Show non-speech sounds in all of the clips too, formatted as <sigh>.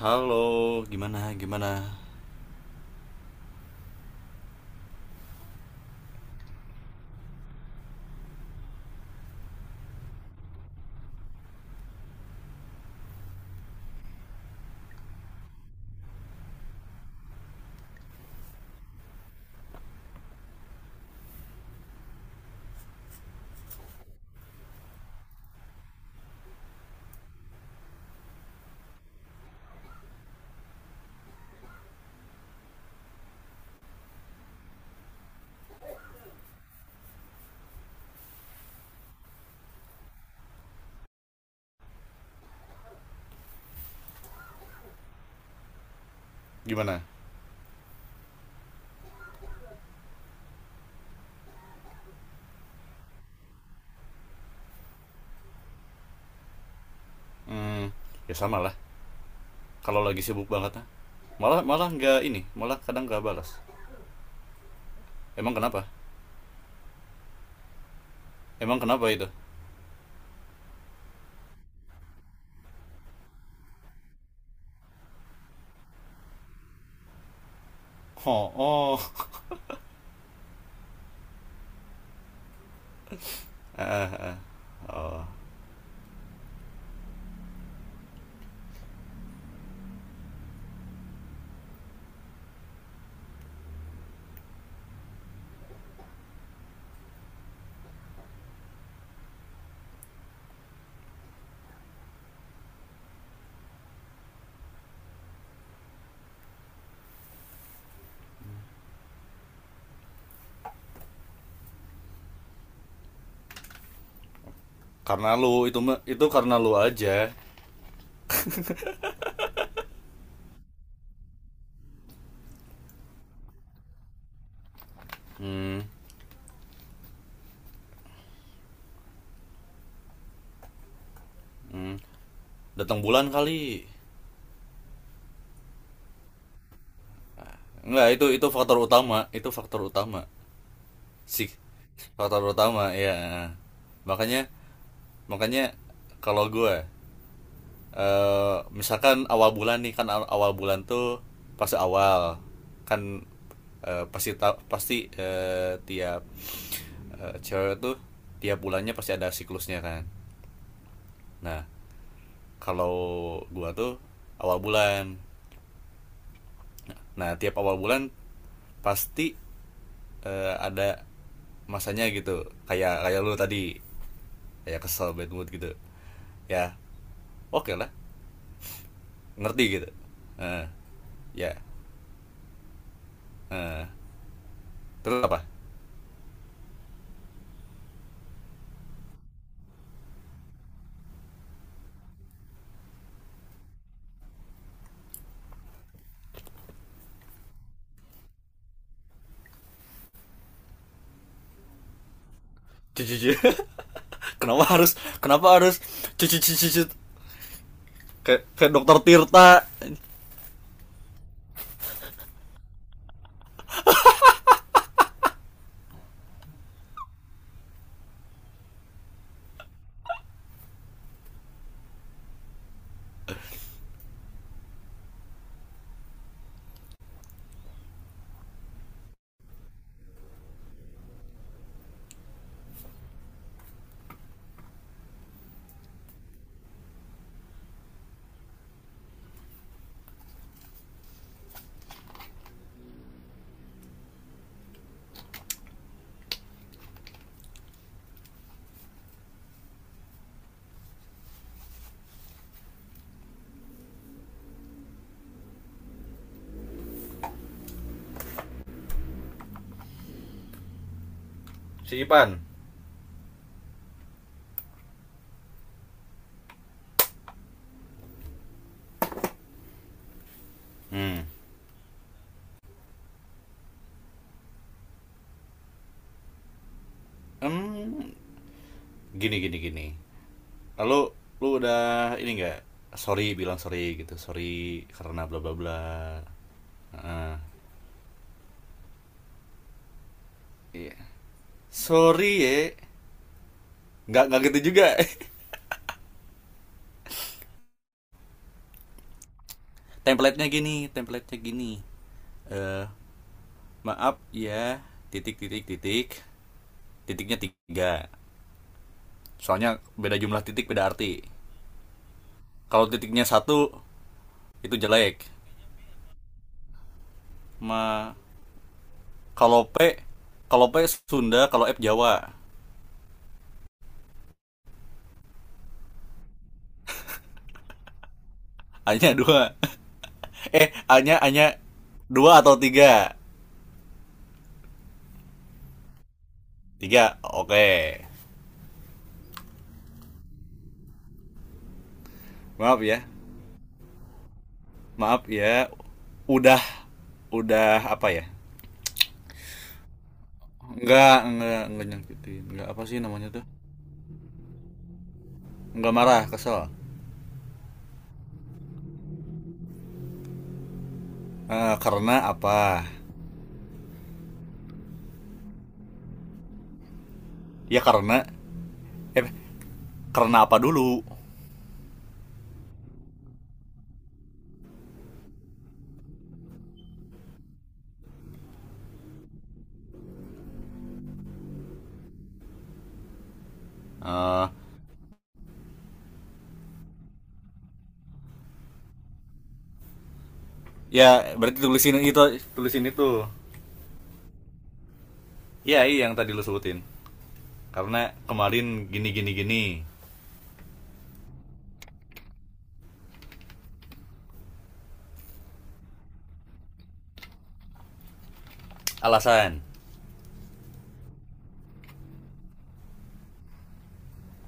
Halo, gimana? Gimana? Gimana? Hmm, ya sama lah. Kalau lagi sibuk banget, ah. malah malah nggak ini, malah kadang nggak balas. Emang kenapa? Emang kenapa itu? Oh, oh, karena lu itu karena lu aja. Hmm, hmm. Datang bulan kali. Nggak itu faktor utama, itu faktor utama. Sih, faktor utama ya. Makanya makanya kalau gue misalkan awal bulan nih, kan awal bulan tuh pas awal, kan eh, pasti ta- pasti eh, tiap cewek tuh tiap bulannya pasti ada siklusnya kan. Nah, kalau gua tuh awal bulan. Nah, tiap awal bulan pasti ada masanya gitu. Kayak kayak lu tadi kayak kesel bad mood gitu. Ya, oke okay lah, ngerti gitu. Eh, ya. Eh, terus apa? Jujur. <laughs> kenapa harus kenapa harus cuci cuci cuci kayak kayak dokter Tirta. Si Ipan. Hmm. Hmm. Gini gini gini. Lalu lu udah ini enggak? Sorry, bilang sorry gitu. Sorry karena bla bla bla. Heeh. Iya. Sorry ya. Enggak gitu juga. <laughs> Template-nya gini eh uh, maaf ya titik titik titik, titiknya tiga, soalnya beda jumlah titik beda arti. Kalau titiknya satu itu jelek. Ma- Kalau P, kalau P Sunda, kalau F Jawa. Hanya dua. <laughs> Eh, hanya hanya dua atau tiga. Tiga, oke. Okay. Maaf ya, maaf ya. Udah, udah apa ya? Enggak nyakitin. Enggak, apa sih namanya tuh? Enggak marah, kesel. Eh, karena apa? Ya karena, eh, karena apa dulu? Eh, ya berarti tulisin itu, tulisin itu. Ya, iya yang tadi lu sebutin. Karena kemarin gini gini gini. Alasan.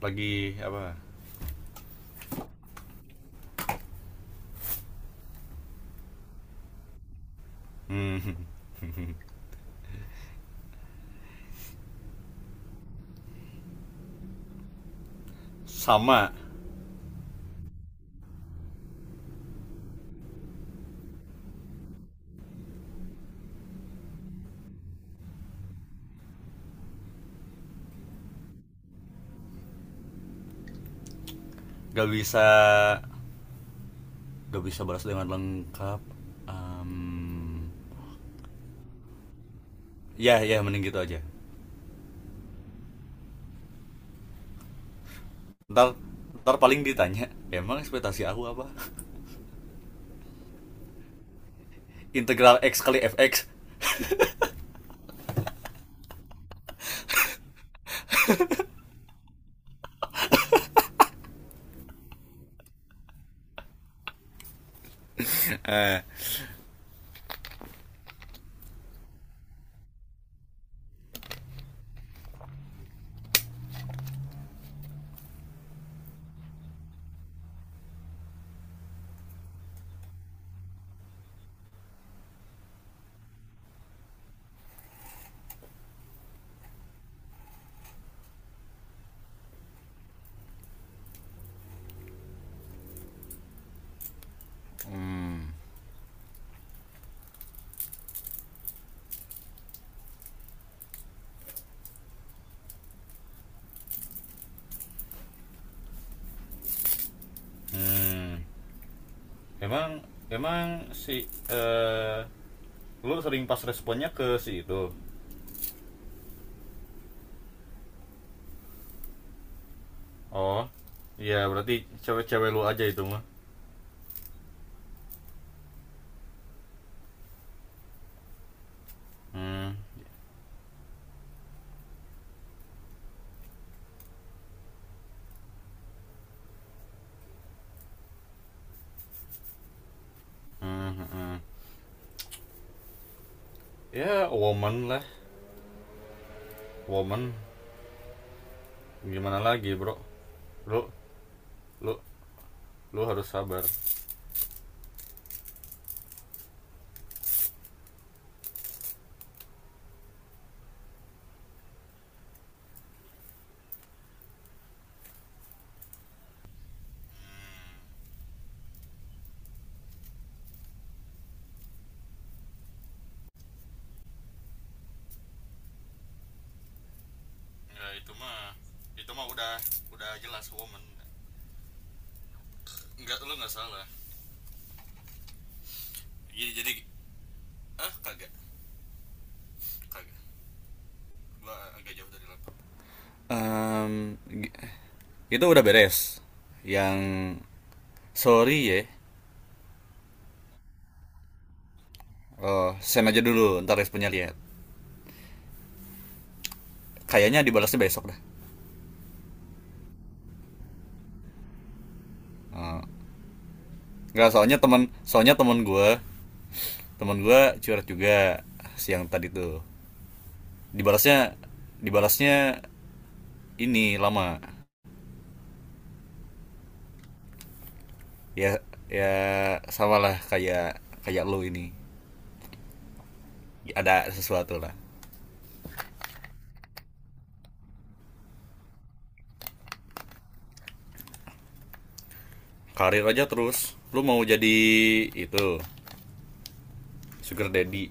Lagi apa. Hmm. <laughs> Sama. Gak bisa, gak bisa balas dengan lengkap. Em, ya ya mending gitu aja. Ntar, ntar paling ditanya emang ekspektasi aku apa. <laughs> Integral x kali fx. eh Hmm. Hmm. Emang emang si lu sering pas responnya ke si itu. Oh. Iya, berarti cewek-cewek lu aja itu mah. Hmm. Hmm, hmm, hmm. Ya, woman lah. Woman, gimana lagi bro. Lu lu lu harus sabar. Ya itu mah, itu mah udah jelas woman. Nggak, lu nggak salah. Jadi ah, kagak, kagak. Gua agak jauh dari laptop. um itu udah beres. Yang sorry ya. Oh, send aja dulu, ntar responnya lihat. Kayaknya dibalasnya besok dah. Oh. Nggak, soalnya teman, soalnya teman gua curhat juga siang tadi tuh. Dibalasnya, dibalasnya ini lama. Ya ya, sama lah kayak kayak lu ini, ada sesuatu lah. Karir aja, terus lu mau jadi itu, sugar daddy.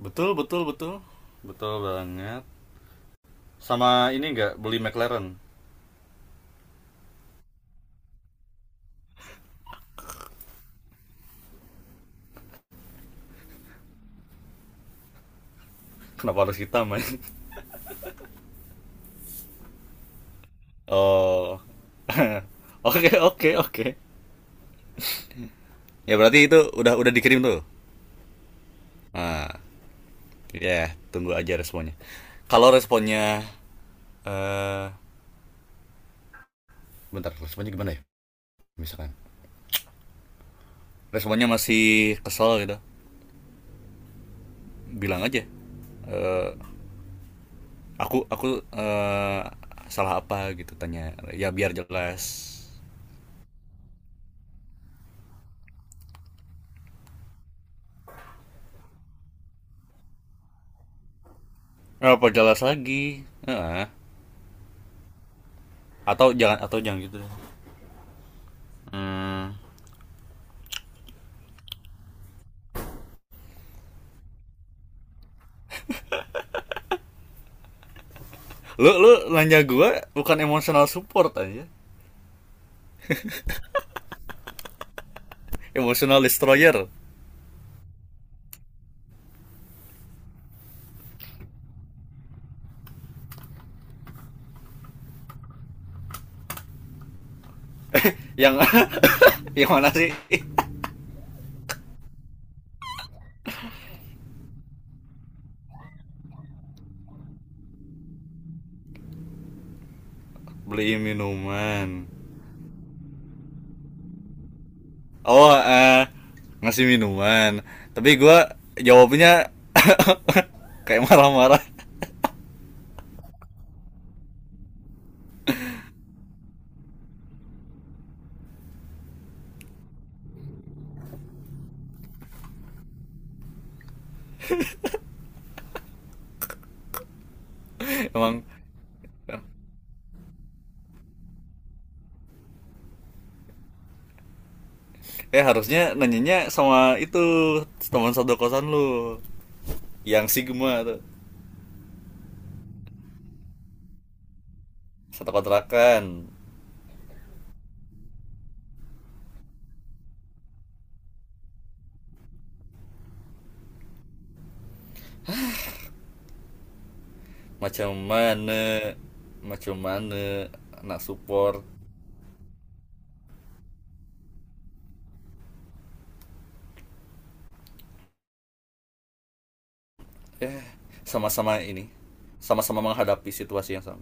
Betul betul betul, betul banget. Sama ini, nggak beli McLaren. Kenapa harus hitam man? <laughs> Oh. Oke oke oke. Ya berarti itu udah dikirim tuh. Nah, ya yeah, tunggu aja responnya. Kalau responnya eh bentar responnya gimana ya. Misalkan responnya masih kesel gitu, bilang aja aku salah apa gitu, tanya ya biar jelas. Apa jelas lagi. Heeh. Atau jangan, atau jangan gitu deh. Hmm. Lu, lu nanya gua bukan emotional support aja, emotional destroyer. Yang <laughs> yang mana sih. Beli minuman. Oh, ngasih minuman. Tapi gua jawabnya <laughs> kayak marah-marah. Emang, eh, Eh, harusnya nanyanya sama itu, teman satu kosan lu yang Sigma tuh. Satu kontrakan. Macam mana? Macam mana? Anak support. Eh, sama-sama ini. Sama-sama menghadapi situasi yang sama.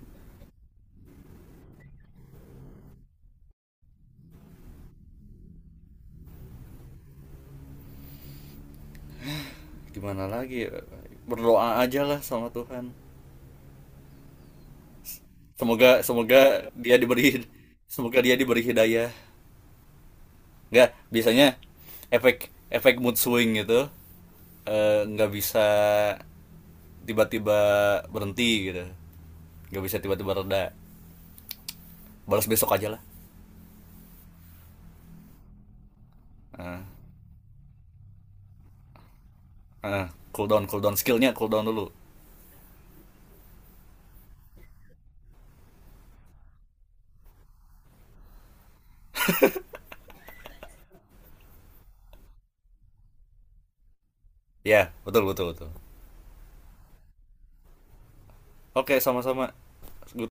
Gimana lagi? Ya? Berdoa aja lah sama Tuhan. Semoga semoga dia diberi, semoga dia diberi hidayah. Enggak, biasanya efek, efek mood swing gitu, eh, nggak bisa tiba-tiba berhenti gitu. Nggak bisa tiba-tiba reda. Balas besok aja lah. Ah, ah, cool down, cool down skillnya, cool down dulu. Ya yeah, betul betul betul. Oke okay, sama-sama. Gue